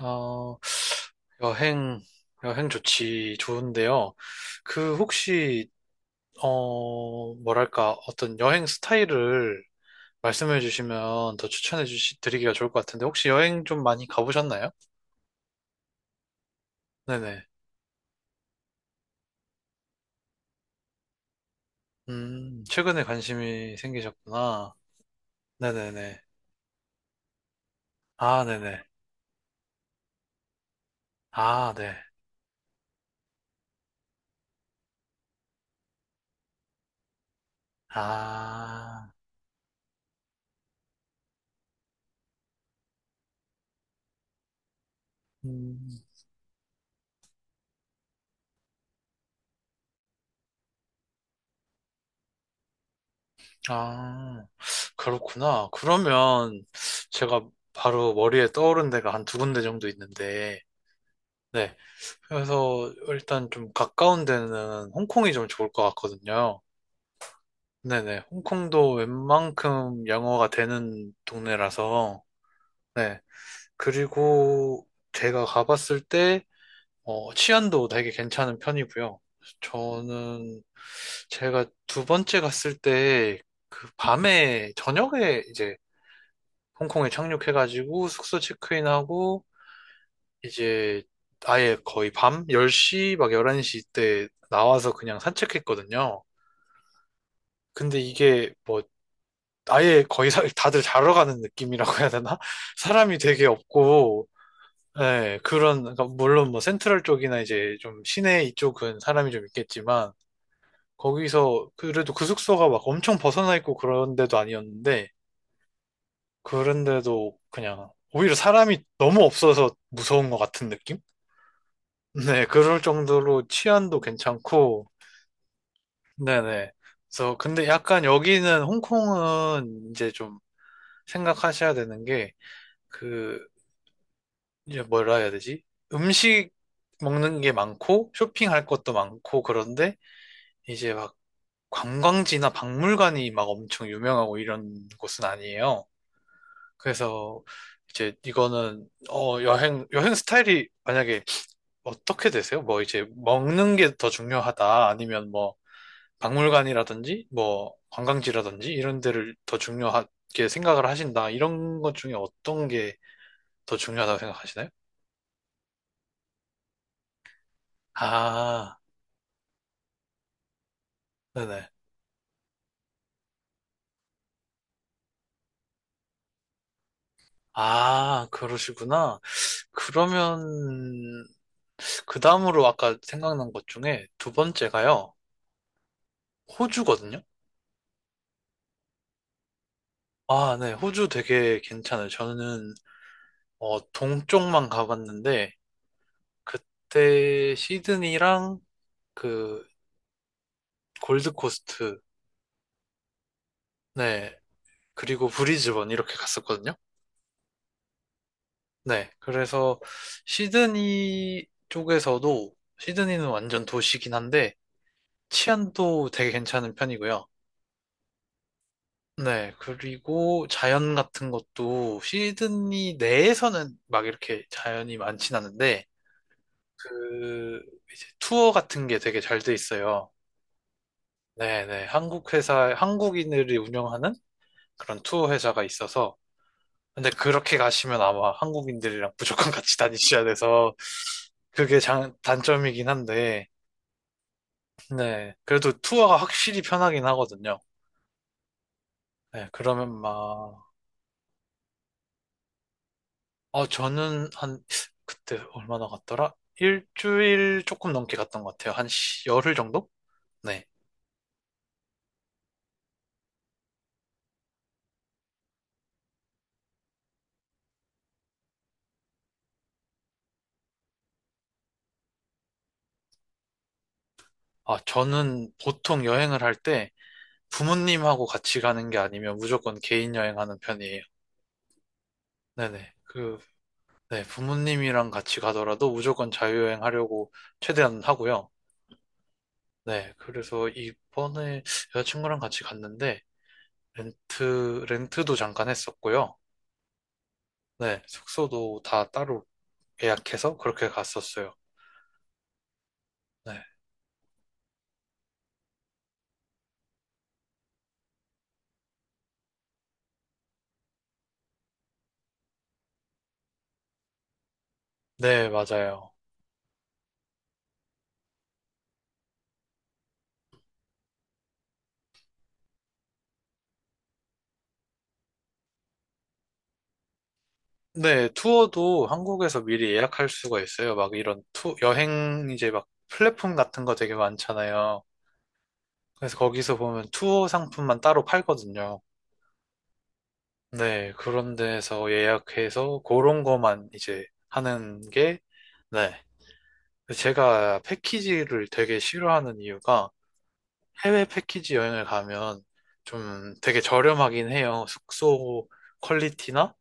어, 여행, 여행 좋지, 좋은데요. 그, 혹시, 어떤 여행 스타일을 말씀해 주시면 더 드리기가 좋을 것 같은데, 혹시 여행 좀 많이 가보셨나요? 네네. 최근에 관심이 생기셨구나. 네네네. 아, 네네. 아, 네. 아, 음, 아, 그렇구나. 그러면 제가 바로 머리에 떠오른 데가 한 두 군데 정도 있는데, 네. 그래서 일단 좀 가까운 데는 홍콩이 좀 좋을 것 같거든요. 네네. 홍콩도 웬만큼 영어가 되는 동네라서, 네. 그리고 제가 가봤을 때, 치안도 되게 괜찮은 편이고요. 저는 제가 2번째 갔을 때, 밤에, 저녁에 이제 홍콩에 착륙해가지고 숙소 체크인하고, 이제 아예 거의 밤 10시 막 11시 때 나와서 그냥 산책했거든요. 근데 이게 뭐 아예 다들 자러 가는 느낌이라고 해야 되나? 사람이 되게 없고 예, 그런 그러니까 물론 뭐 센트럴 쪽이나 이제 좀 시내 이쪽은 사람이 좀 있겠지만 거기서 그래도 그 숙소가 막 엄청 벗어나 있고 그런 데도 아니었는데 그런데도 그냥 오히려 사람이 너무 없어서 무서운 것 같은 느낌? 네, 그럴 정도로 치안도 괜찮고 네네. 그래서 근데 약간 여기는 홍콩은 이제 좀 생각하셔야 되는 게 그 이제 뭐라 해야 되지? 음식 먹는 게 많고 쇼핑할 것도 많고 그런데 이제 막 관광지나 박물관이 막 엄청 유명하고 이런 곳은 아니에요. 그래서 이제 이거는 여행 스타일이 만약에 어떻게 되세요? 뭐 이제 먹는 게 더 중요하다 아니면 뭐 박물관이라든지 뭐 관광지라든지 이런 데를 더 중요하게 생각을 하신다. 이런 것 중에 어떤 게 더 중요하다고 생각하시나요? 아, 네네. 아, 그러시구나. 그러면 그 다음으로 아까 생각난 것 중에 두 번째가요. 호주거든요. 아, 네. 호주 되게 괜찮아요. 저는 동쪽만 가봤는데 그때 시드니랑 그 골드코스트, 네. 그리고 브리즈번 이렇게 갔었거든요. 네. 그래서 시드니 쪽에서도 시드니는 완전 도시긴 한데 치안도 되게 괜찮은 편이고요. 네. 그리고 자연 같은 것도 시드니 내에서는 막 이렇게 자연이 많진 않은데 그 이제 투어 같은 게 되게 잘 돼 있어요. 네네. 한국인들이 운영하는 그런 투어 회사가 있어서 근데 그렇게 가시면 아마 한국인들이랑 무조건 같이 다니셔야 돼서 그게 장, 단점이긴 한데 네. 그래도 투어가 확실히 편하긴 하거든요. 네. 그러면 막, 어, 저는 한, 그때 얼마나 갔더라? 일주일 조금 넘게 갔던 것 같아요. 10일 정도? 네. 아, 저는 보통 여행을 할 때 부모님하고 같이 가는 게 아니면 무조건 개인 여행하는 편이에요. 네네. 그, 네. 부모님이랑 같이 가더라도 무조건 자유여행 하려고 최대한 하고요. 네. 그래서 이번에 여자친구랑 같이 갔는데 렌트도 잠깐 했었고요. 네, 숙소도 다 따로 예약해서 그렇게 갔었어요. 네, 네, 맞아요. 네, 투어도 한국에서 미리 예약할 수가 있어요. 막 이런 여행 이제 막 플랫폼 같은 거 되게 많잖아요. 그래서 거기서 보면 투어 상품만 따로 팔거든요. 네, 그런 데서 예약해서 그런 거만 이제 하는 게, 네. 제가 패키지를 되게 싫어하는 이유가 해외 패키지 여행을 가면 좀 되게 저렴하긴 해요. 숙소 퀄리티나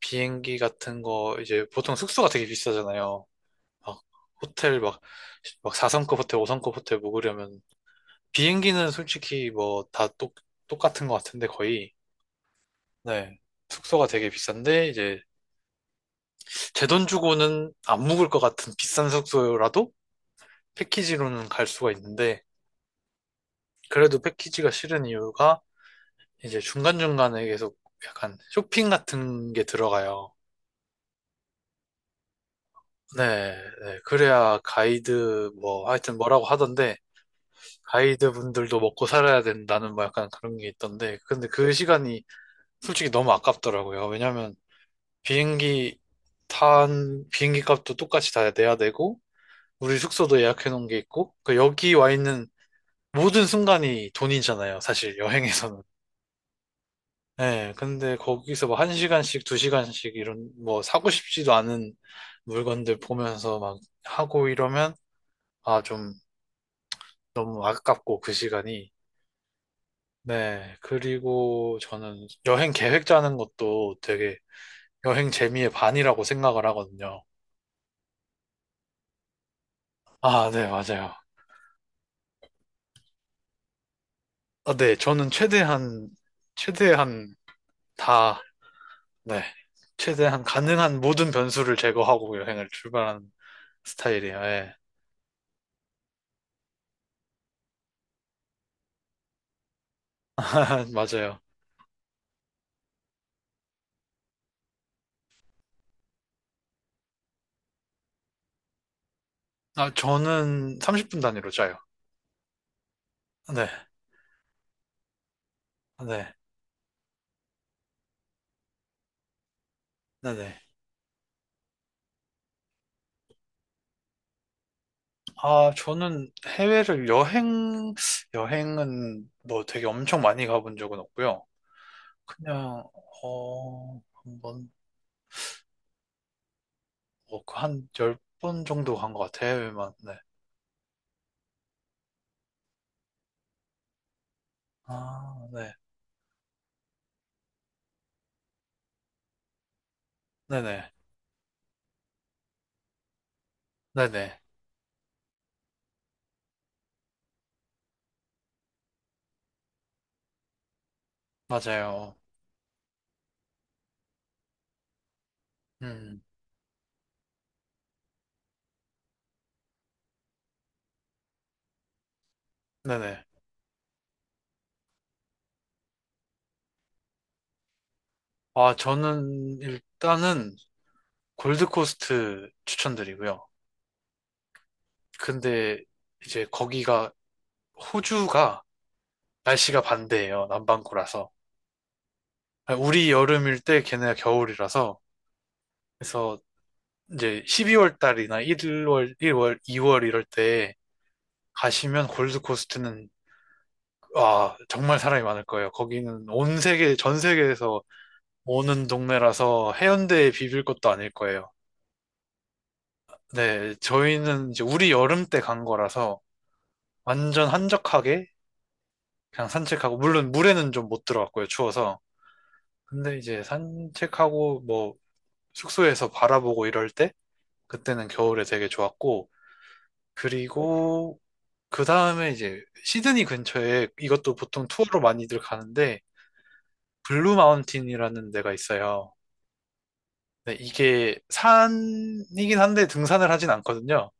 비행기 같은 거, 이제 보통 숙소가 되게 비싸잖아요. 막 호텔 막, 막 4성급 호텔, 5성급 호텔 묵으려면 비행기는 솔직히 뭐 똑같은 것 같은데 거의. 네. 숙소가 되게 비싼데 이제 제 돈 주고는 안 묵을 것 같은 비싼 숙소라도 패키지로는 갈 수가 있는데 그래도 패키지가 싫은 이유가 이제 중간중간에 계속 약간 쇼핑 같은 게 들어가요. 네, 네. 그래야 가이드 뭐 하여튼 뭐라고 하던데 가이드 분들도 먹고 살아야 된다는 뭐 약간 그런 게 있던데 근데 그 시간이 솔직히 너무 아깝더라고요. 왜냐면 비행기 비행기 값도 똑같이 다 내야 되고 우리 숙소도 예약해 놓은 게 있고 그 여기 와 있는 모든 순간이 돈이잖아요. 사실 여행에서는. 예, 근데 거기서 뭐 한 시간씩, 두 시간씩 이런 뭐 사고 싶지도 않은 물건들 보면서 막 하고 이러면 아, 좀 너무 아깝고 그 시간이. 네, 그리고 저는 여행 계획 짜는 것도 되게 여행 재미의 반이라고 생각을 하거든요. 아, 네, 맞아요. 아, 네, 최대한 다, 네, 최대한 가능한 모든 변수를 제거하고 여행을 출발하는 스타일이에요. 예, 맞아요. 아, 저는 30분 단위로 짜요. 네, 네, 네, 네. 아, 저는 여행은 뭐 되게 엄청 많이 가본 적은 없고요. 그냥, 어, 한 번, 뭐, 그 한열 번 정도 간 것 같아요, 해외만. 네. 아, 네, 네네, 네네, 맞아요. 음, 네네. 아, 저는 일단은 골드코스트 추천드리고요. 근데 이제 거기가, 호주가 날씨가 반대예요. 남반구라서. 아, 우리 여름일 때 걔네가 겨울이라서. 그래서 이제 12월 달이나 1월, 2월 이럴 때 가시면 골드코스트는 아, 정말 사람이 많을 거예요. 전 세계에서 오는 동네라서 해운대에 비빌 것도 아닐 거예요. 네, 저희는 이제 우리 여름 때 간 거라서 완전 한적하게 그냥 산책하고, 물론 물에는 좀 못 들어갔고요, 추워서. 근데 이제 산책하고 뭐 숙소에서 바라보고 이럴 때 그때는 겨울에 되게 좋았고, 그리고 그 다음에 이제 시드니 근처에 이것도 보통 투어로 많이들 가는데, 블루 마운틴이라는 데가 있어요. 네, 이게 산이긴 한데 등산을 하진 않거든요.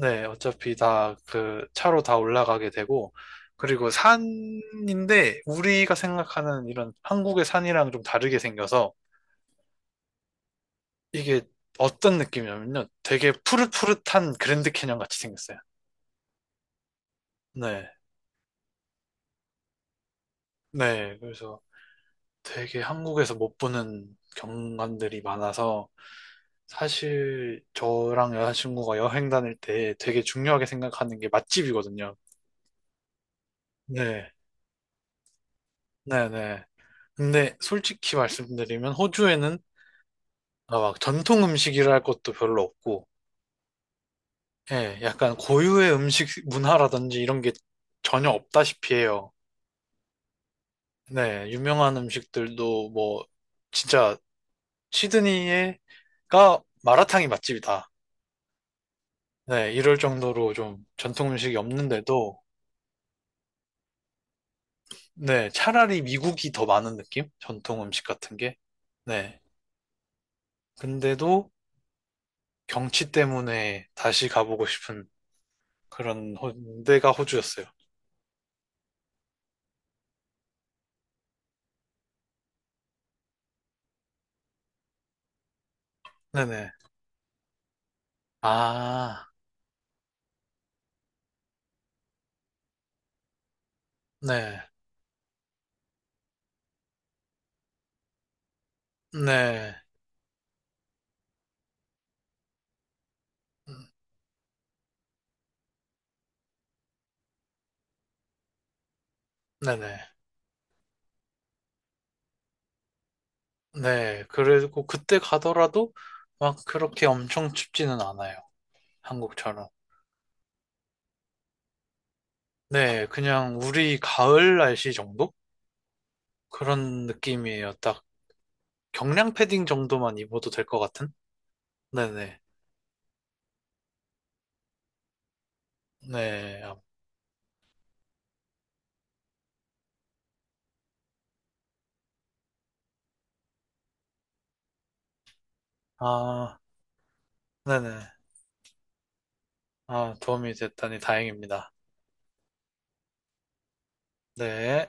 네, 어차피 다 그 차로 다 올라가게 되고, 그리고 산인데 우리가 생각하는 이런 한국의 산이랑 좀 다르게 생겨서 이게 어떤 느낌이냐면요. 되게 푸릇푸릇한 그랜드 캐년 같이 생겼어요. 네. 네, 그래서 되게 한국에서 못 보는 경관들이 많아서 사실 저랑 여자친구가 여행 다닐 때 되게 중요하게 생각하는 게 맛집이거든요. 네, 네네. 근데 솔직히 말씀드리면 호주에는 아, 막 전통 음식이랄 것도 별로 없고, 예, 약간 고유의 음식 문화라든지 이런 게 전혀 없다시피 해요. 네, 유명한 음식들도 뭐 진짜 시드니에가 마라탕이 맛집이다. 네, 이럴 정도로 좀 전통 음식이 없는데도, 네, 차라리 미국이 더 많은 느낌? 전통 음식 같은 게. 네. 근데도 경치 때문에 다시 가보고 싶은 그런 호, 데가 호주였어요. 네네. 아, 네. 네. 음, 네네. 네. 그리고 그때 가더라도 막 그렇게 엄청 춥지는 않아요. 한국처럼. 네. 그냥 우리 가을 날씨 정도? 그런 느낌이에요. 딱 경량 패딩 정도만 입어도 될 것 같은? 네네. 네. 아, 네네. 아, 도움이 됐다니 다행입니다. 네.